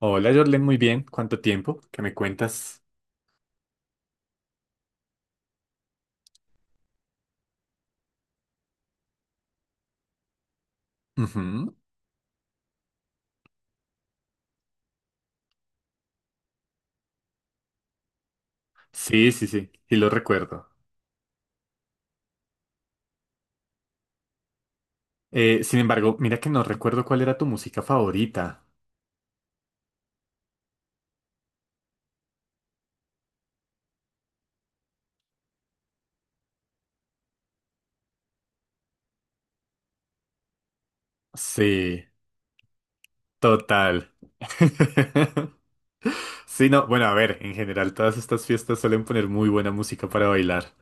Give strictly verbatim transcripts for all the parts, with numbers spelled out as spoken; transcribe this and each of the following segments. Hola, Jorlen, muy bien. ¿Cuánto tiempo? ¿Qué me cuentas? Ujú. Sí, sí, sí, y lo recuerdo. Eh, sin embargo, mira que no recuerdo cuál era tu música favorita. Sí, total. Sí, no, bueno, a ver, en general todas estas fiestas suelen poner muy buena música para bailar.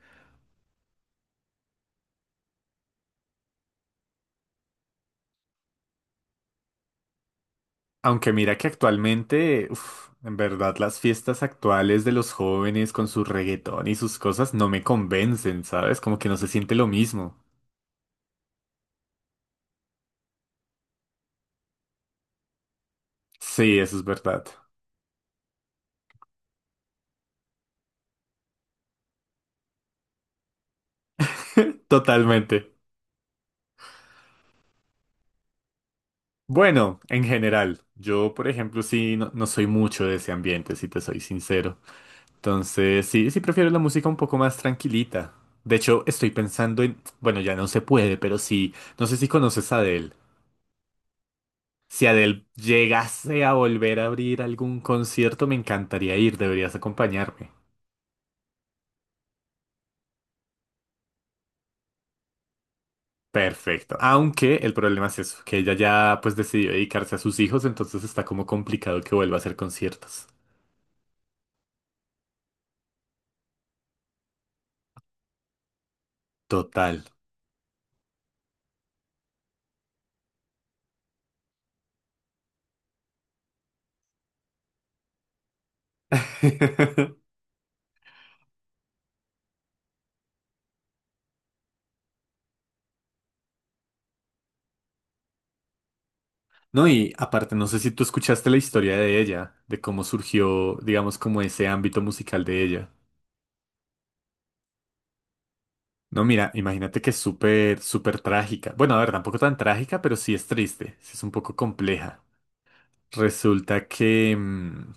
Aunque mira que actualmente, uf, en verdad las fiestas actuales de los jóvenes con su reggaetón y sus cosas no me convencen, ¿sabes? Como que no se siente lo mismo. Sí, eso es verdad. Totalmente. Bueno, en general, yo por ejemplo sí no, no soy mucho de ese ambiente, si te soy sincero. Entonces sí, sí prefiero la música un poco más tranquilita. De hecho, estoy pensando en, bueno, ya no se puede, pero sí, no sé si conoces a Adele. Si Adele llegase a volver a abrir algún concierto, me encantaría ir, deberías acompañarme. Perfecto. Aunque el problema es eso, que ella ya pues decidió dedicarse a sus hijos, entonces está como complicado que vuelva a hacer conciertos. Total. No, y aparte, no sé si tú escuchaste la historia de ella, de cómo surgió, digamos, como ese ámbito musical de ella. No, mira, imagínate que es súper, súper trágica. Bueno, a ver, tampoco tan trágica, pero sí es triste, sí es un poco compleja. Resulta que, mm,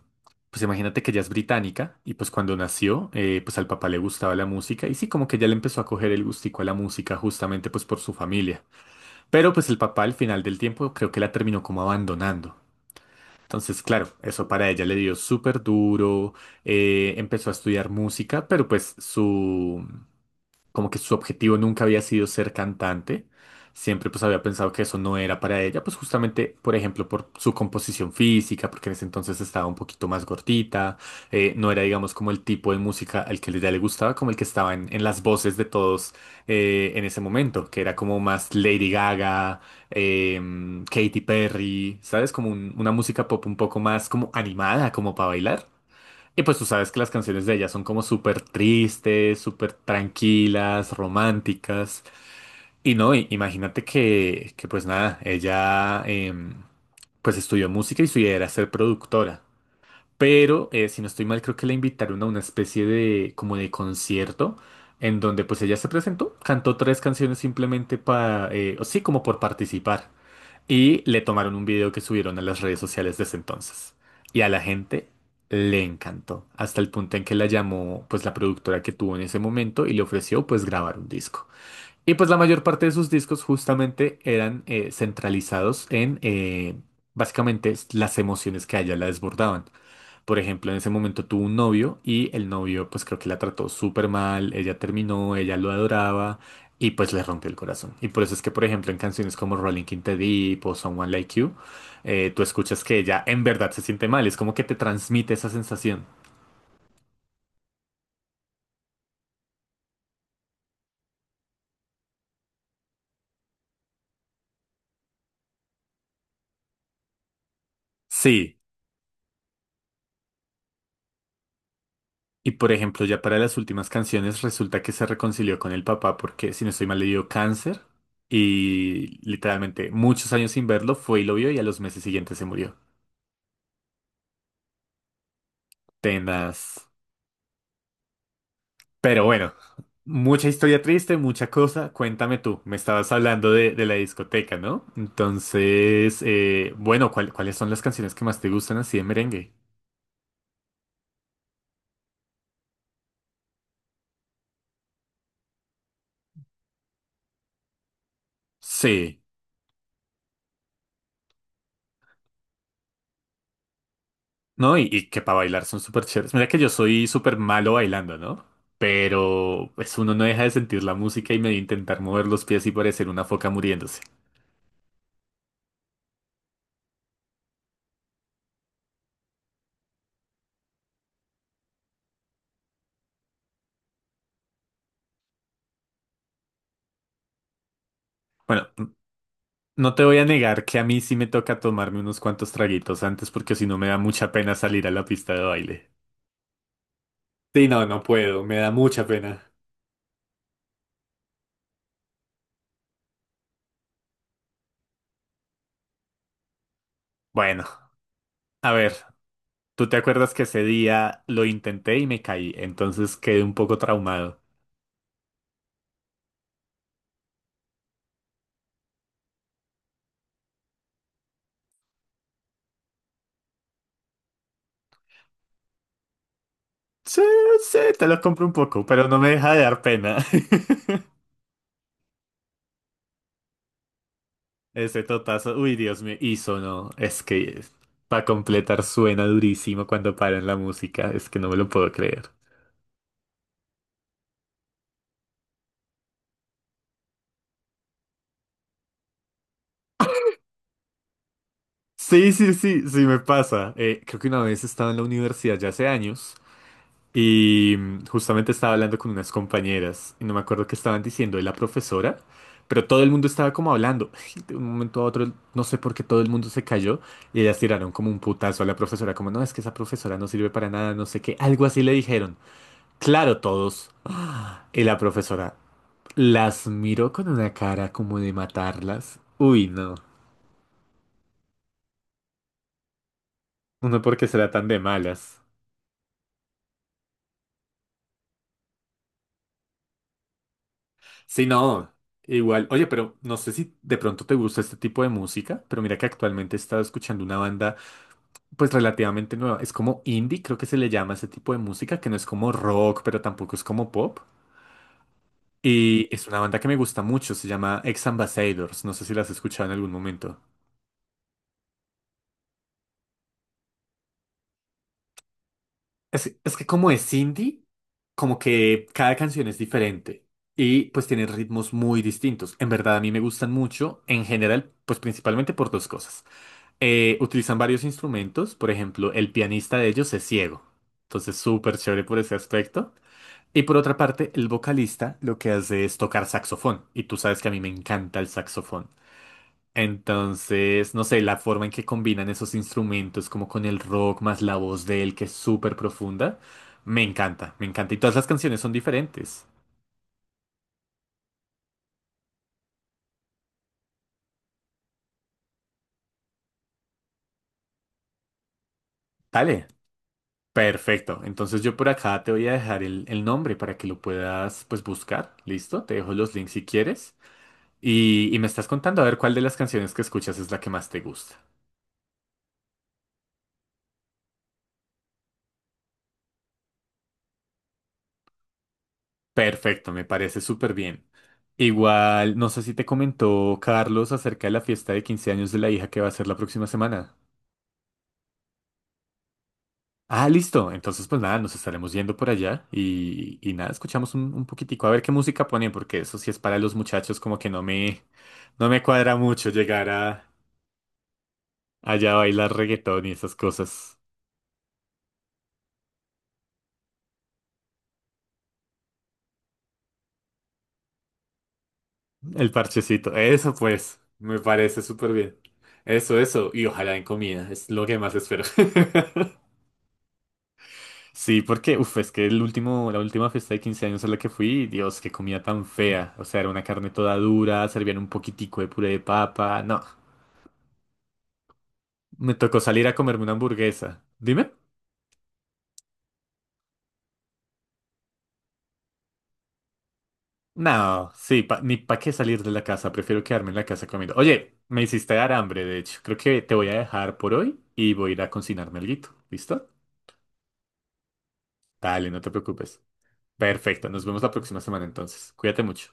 pues imagínate que ella es británica y pues cuando nació, eh, pues al papá le gustaba la música y sí, como que ya le empezó a coger el gustico a la música justamente pues por su familia. Pero pues el papá al final del tiempo creo que la terminó como abandonando. Entonces, claro, eso para ella le dio súper duro, eh, empezó a estudiar música, pero pues su, como que su objetivo nunca había sido ser cantante, siempre pues había pensado que eso no era para ella, pues justamente, por ejemplo, por su composición física, porque en ese entonces estaba un poquito más gordita, eh, no era, digamos, como el tipo de música al que ella le gustaba, como el que estaba en, en las voces de todos eh, en ese momento, que era como más Lady Gaga, em, Katy Perry, ¿sabes? Como un- una música pop un poco más como animada, como para bailar. Y pues tú sabes que las canciones de ella son como súper tristes, súper tranquilas, románticas. Y no, i- imagínate que, que pues nada, ella em, pues estudió música y su idea era ser productora. Pero eh, si no estoy mal, creo que la invitaron a una especie de como de concierto en donde pues ella se presentó, cantó tres canciones simplemente para, eh, o sí, como por participar. Y le tomaron un video que subieron a las redes sociales desde entonces. Y a la gente le encantó, hasta el punto en que la llamó pues la productora que tuvo en ese momento y le ofreció pues grabar un disco. Y pues la mayor parte de sus discos justamente eran eh, centralizados en eh, básicamente las emociones que a ella la desbordaban. Por ejemplo, en ese momento tuvo un novio y el novio pues creo que la trató súper mal, ella terminó, ella lo adoraba y pues le rompió el corazón. Y por eso es que, por ejemplo, en canciones como Rolling in the Deep o Someone Like You, eh, tú escuchas que ella en verdad se siente mal, es como que te transmite esa sensación. Sí, y por ejemplo, ya para las últimas canciones resulta que se reconcilió con el papá porque, si no estoy mal, le dio cáncer y literalmente muchos años sin verlo fue y lo vio y a los meses siguientes se murió. Tenaz. Pero bueno, mucha historia triste, mucha cosa. Cuéntame tú, me estabas hablando de, de la discoteca, ¿no? Entonces, eh, bueno, ¿cuál- cuáles son las canciones que más te gustan así de merengue? Sí, ¿no? Y, y que para bailar son súper chéveres. Mira que yo soy súper malo bailando, ¿no? Pero pues uno no deja de sentir la música y medio intentar mover los pies y parecer una foca muriéndose. Bueno, n- no te voy a negar que a mí sí me toca tomarme unos cuantos traguitos antes porque si no me da mucha pena salir a la pista de baile. Sí, no, no puedo, me da mucha pena. Bueno, a ver, tú te acuerdas que ese día lo intenté y me caí, entonces quedé un poco traumado. Sí, sí, te lo compro un poco, pero no me deja de dar pena. Ese totazo, uy, Dios mío, y sonó, es que para completar suena durísimo cuando paran la música, es que no me lo puedo creer. Sí, sí, sí, sí me pasa. Eh, creo que una vez estaba en la universidad ya hace años. Y mm, justamente estaba hablando con unas compañeras y no me acuerdo qué estaban diciendo de la profesora, pero todo el mundo estaba como hablando. De un momento a otro, no sé por qué todo el mundo se cayó y ellas tiraron como un putazo a la profesora, como no, es que esa profesora no sirve para nada, no sé qué, algo así le dijeron. Claro, todos. Y la profesora las miró con una cara como de matarlas. Uy, no. Uno porque será tan de malas. Sí, no, igual. Oye, pero no sé si de pronto te gusta este tipo de música, pero mira que actualmente he estado escuchando una banda pues relativamente nueva. Es como indie, creo que se le llama ese tipo de música, que no es como rock, pero tampoco es como pop. Y es una banda que me gusta mucho, se llama Ex Ambassadors. No sé si las has escuchado en algún momento. Es, es que como es indie, como que cada canción es diferente y pues tiene ritmos muy distintos. En verdad a mí me gustan mucho, en general, pues principalmente por dos cosas. Eh, utilizan varios instrumentos, por ejemplo, el pianista de ellos es ciego, entonces súper chévere por ese aspecto. Y por otra parte, el vocalista lo que hace es tocar saxofón, y tú sabes que a mí me encanta el saxofón. Entonces, no sé, la forma en que combinan esos instrumentos, como con el rock, más la voz de él, que es súper profunda, me encanta, me encanta. Y todas las canciones son diferentes. Dale, perfecto. Entonces yo por acá te voy a dejar el, el nombre para que lo puedas, pues, buscar. ¿Listo? Te dejo los links si quieres. Y, y me estás contando a ver cuál de las canciones que escuchas es la que más te gusta. Perfecto, me parece súper bien. Igual, no sé si te comentó Carlos acerca de la fiesta de quince años de la hija que va a ser la próxima semana. Ah, listo. Entonces, pues nada, nos estaremos yendo por allá y, y nada, escuchamos un, un poquitico a ver qué música ponen, porque eso sí es para los muchachos, como que no me, no me cuadra mucho llegar a allá a bailar reggaetón y esas cosas. El parchecito. Eso pues, me parece súper bien. Eso, eso. Y ojalá en comida. Es lo que más espero. Sí, porque, uff, es que el último, la última fiesta de quince años a la que fui, Dios, qué comida tan fea. O sea, era una carne toda dura, servían un poquitico de puré de papa. No. Me tocó salir a comerme una hamburguesa. ¿Dime? No, sí, pa- ni pa' qué salir de la casa. Prefiero quedarme en la casa comiendo. Oye, me hiciste dar hambre, de hecho. Creo que te voy a dejar por hoy y voy a ir a cocinarme alguito. ¿Listo? Dale, no te preocupes. Perfecto, nos vemos la próxima semana entonces. Cuídate mucho.